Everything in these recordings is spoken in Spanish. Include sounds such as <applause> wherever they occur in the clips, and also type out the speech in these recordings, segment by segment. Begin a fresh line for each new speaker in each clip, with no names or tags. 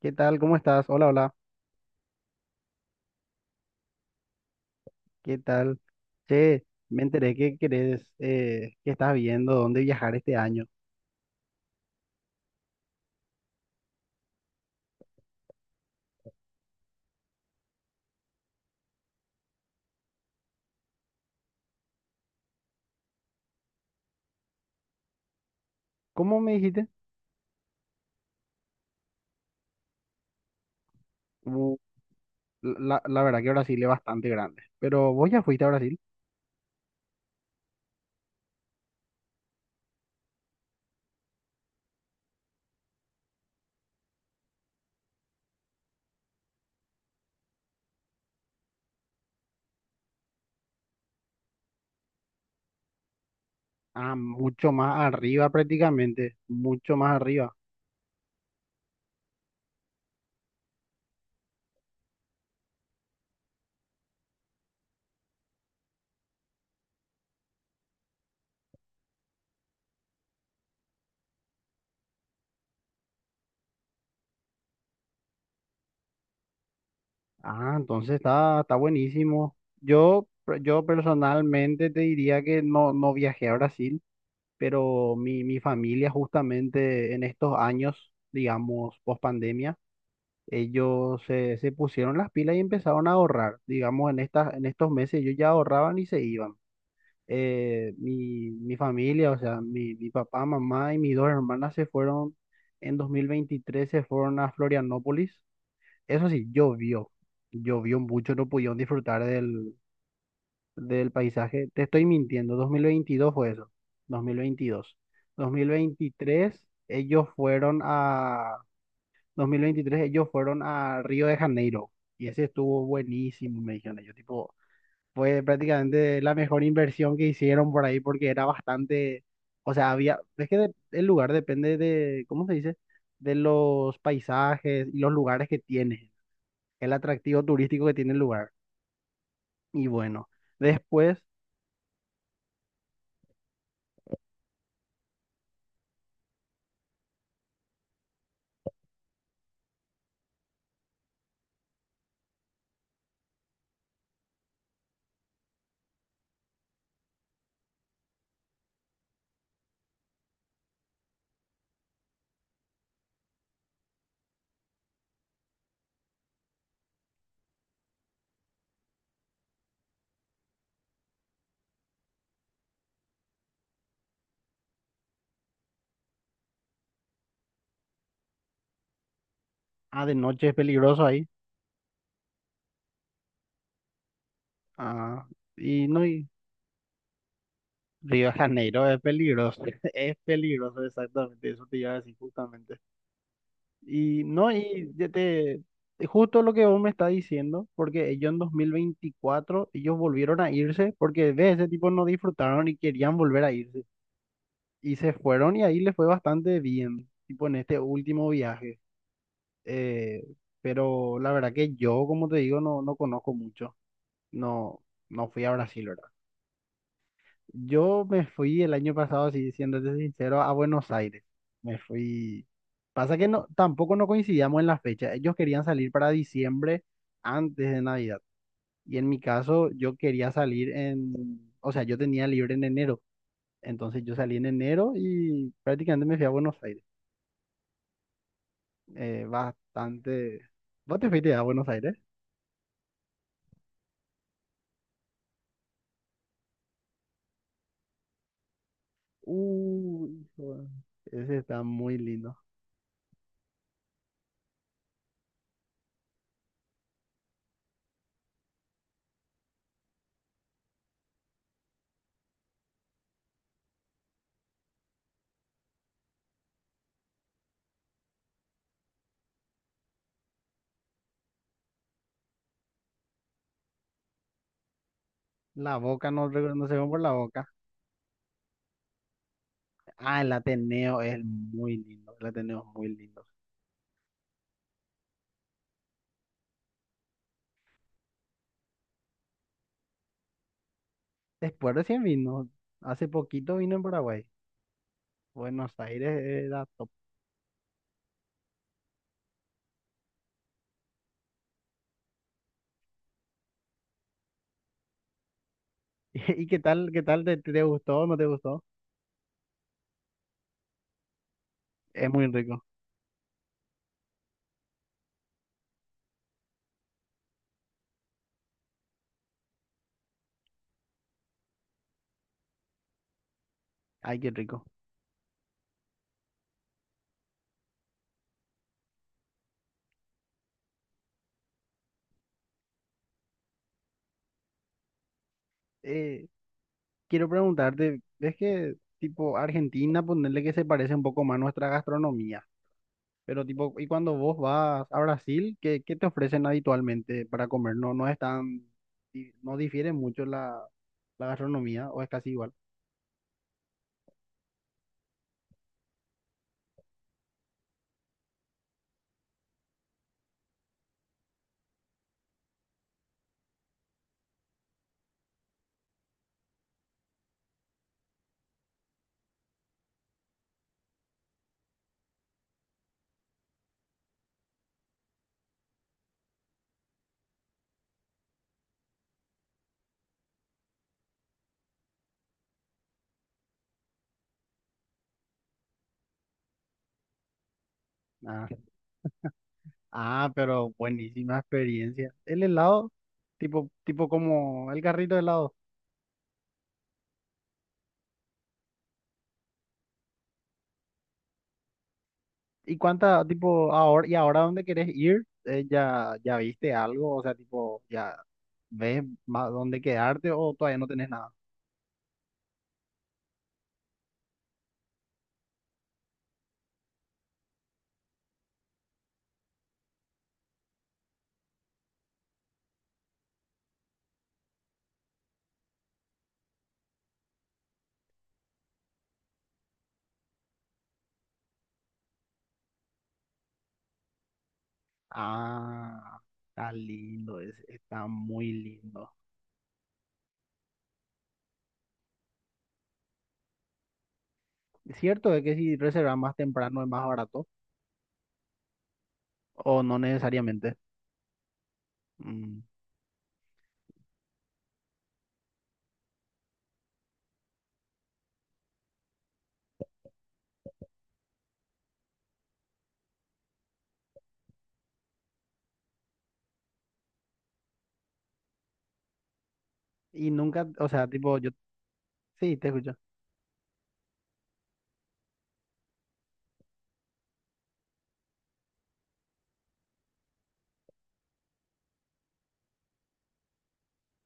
¿Qué tal? ¿Cómo estás? Hola, hola. ¿Qué tal? Che, me enteré que querés, que estás viendo dónde viajar este año. ¿Cómo me dijiste? Uh, la verdad que Brasil es bastante grande. Pero vos ya fuiste a Brasil. Ah, mucho más arriba prácticamente. Mucho más arriba. Ah, entonces está buenísimo. Yo personalmente te diría que no viajé a Brasil, pero mi familia justamente en estos años, digamos, post pandemia. Ellos se pusieron las pilas y empezaron a ahorrar. Digamos, en en estos meses ellos ya ahorraban y se iban. Mi familia, o sea, mi papá, mamá y mis dos hermanas se fueron en 2023, se fueron a Florianópolis. Eso sí, llovió mucho, no pudieron disfrutar del paisaje. Te estoy mintiendo, 2022 fue eso, 2022. 2023 ellos fueron a 2023 ellos fueron a Río de Janeiro y ese estuvo buenísimo, me dijeron ellos. Tipo, fue prácticamente la mejor inversión que hicieron por ahí porque era bastante, o sea, había, el lugar depende de, ¿cómo se dice? De los paisajes y los lugares que tiene, el atractivo turístico que tiene el lugar. Y bueno, después, ah, de noche es peligroso ahí. Ah, y no, y Río de Janeiro es peligroso, <laughs> es peligroso exactamente, eso te iba a decir justamente. Y no, y ya te, justo lo que vos me estás diciendo, porque ellos en 2024 ellos volvieron a irse, porque ve, ese tipo no disfrutaron y querían volver a irse. Y se fueron y ahí les fue bastante bien, tipo en este último viaje. Eh, pero la verdad que yo, como te digo, no conozco mucho. No, no fui a Brasil, ¿verdad? Yo me fui el año pasado, si siéndote sincero, a Buenos Aires. Me fui. Pasa que no, tampoco no coincidíamos en la fecha. Ellos querían salir para diciembre antes de Navidad. Y en mi caso, yo quería salir en, o sea, yo tenía libre en enero. Entonces yo salí en enero y prácticamente me fui a Buenos Aires. Bastante. ¿Vos te fuiste a Buenos Aires? Uy, hijo, ese está muy lindo. La boca no, re- no se ve por la boca. Ah, el Ateneo es muy lindo. Después recién vino, hace poquito vino en Paraguay. Buenos Aires era top. <laughs> ¿Y qué tal, te gustó o no te gustó? Es muy rico. Ay, qué rico. Eh, quiero preguntarte, ¿ves que tipo Argentina, ponerle que se parece un poco más a nuestra gastronomía? Pero tipo, ¿y cuando vos vas a Brasil, qué te ofrecen habitualmente para comer? No, no es tan, no difiere mucho la gastronomía o es casi igual. Ah, pero buenísima experiencia. El helado, tipo como el carrito de helado. ¿Y cuánta, tipo, ahora dónde querés ir? Ya viste algo? O sea, tipo, ¿ya ves más dónde quedarte o todavía no tenés nada? Ah, está muy lindo. Es cierto es que si reservas más temprano es más barato, o no necesariamente. Mm. Y nunca, o sea, sí, te escucho.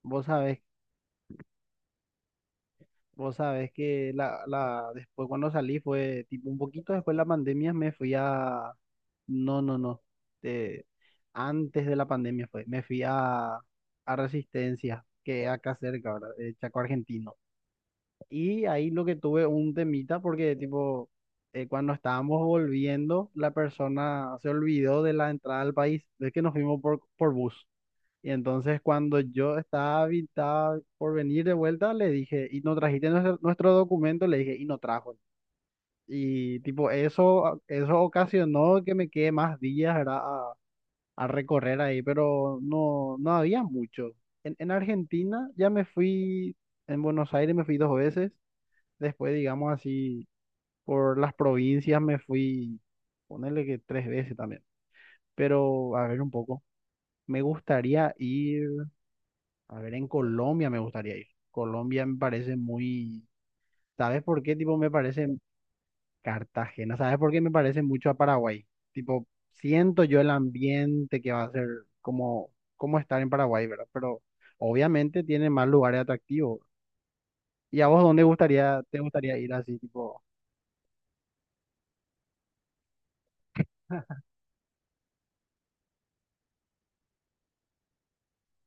Vos sabés Vos sabés que después cuando salí fue tipo un poquito después de la pandemia me fui a... no. eh, Antes de la pandemia fue. Me fui a Resistencia, que es acá cerca, ¿verdad? Chaco Argentino. Y ahí lo que tuve un temita porque tipo cuando estábamos volviendo la persona se olvidó de la entrada al país. Es que nos fuimos por bus. Y entonces cuando yo estaba, estaba por venir de vuelta, le dije, y no trajiste nuestro documento, le dije, y no trajo. Y tipo, eso, ah, eso ocasionó que me quede más días, ¿verdad? A recorrer ahí, pero no había mucho. En Argentina ya me fui, en Buenos Aires me fui dos veces, después digamos así, por las provincias me fui, ponerle que tres veces también, pero a ver un poco. Me gustaría ir. A ver, en Colombia me gustaría ir. Colombia me parece muy... ¿Sabes por qué? Tipo, me parece Cartagena. ¿Sabes por qué me parece mucho a Paraguay? Tipo, siento yo el ambiente que va a ser como, como estar en Paraguay, ¿verdad? Pero obviamente tiene más lugares atractivos. ¿Y a vos dónde gustaría, te gustaría ir así, tipo,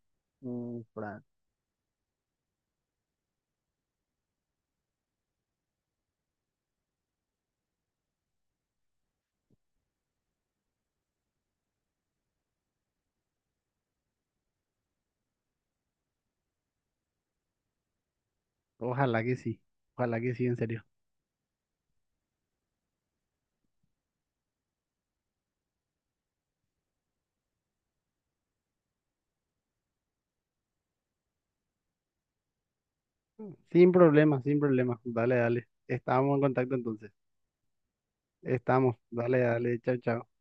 <laughs> mm, Fran? Ojalá que sí. Ojalá que sí, en serio. Sin problema, sin problema. Dale, dale. Estamos en contacto entonces. Estamos. Dale, dale. Chao, chao.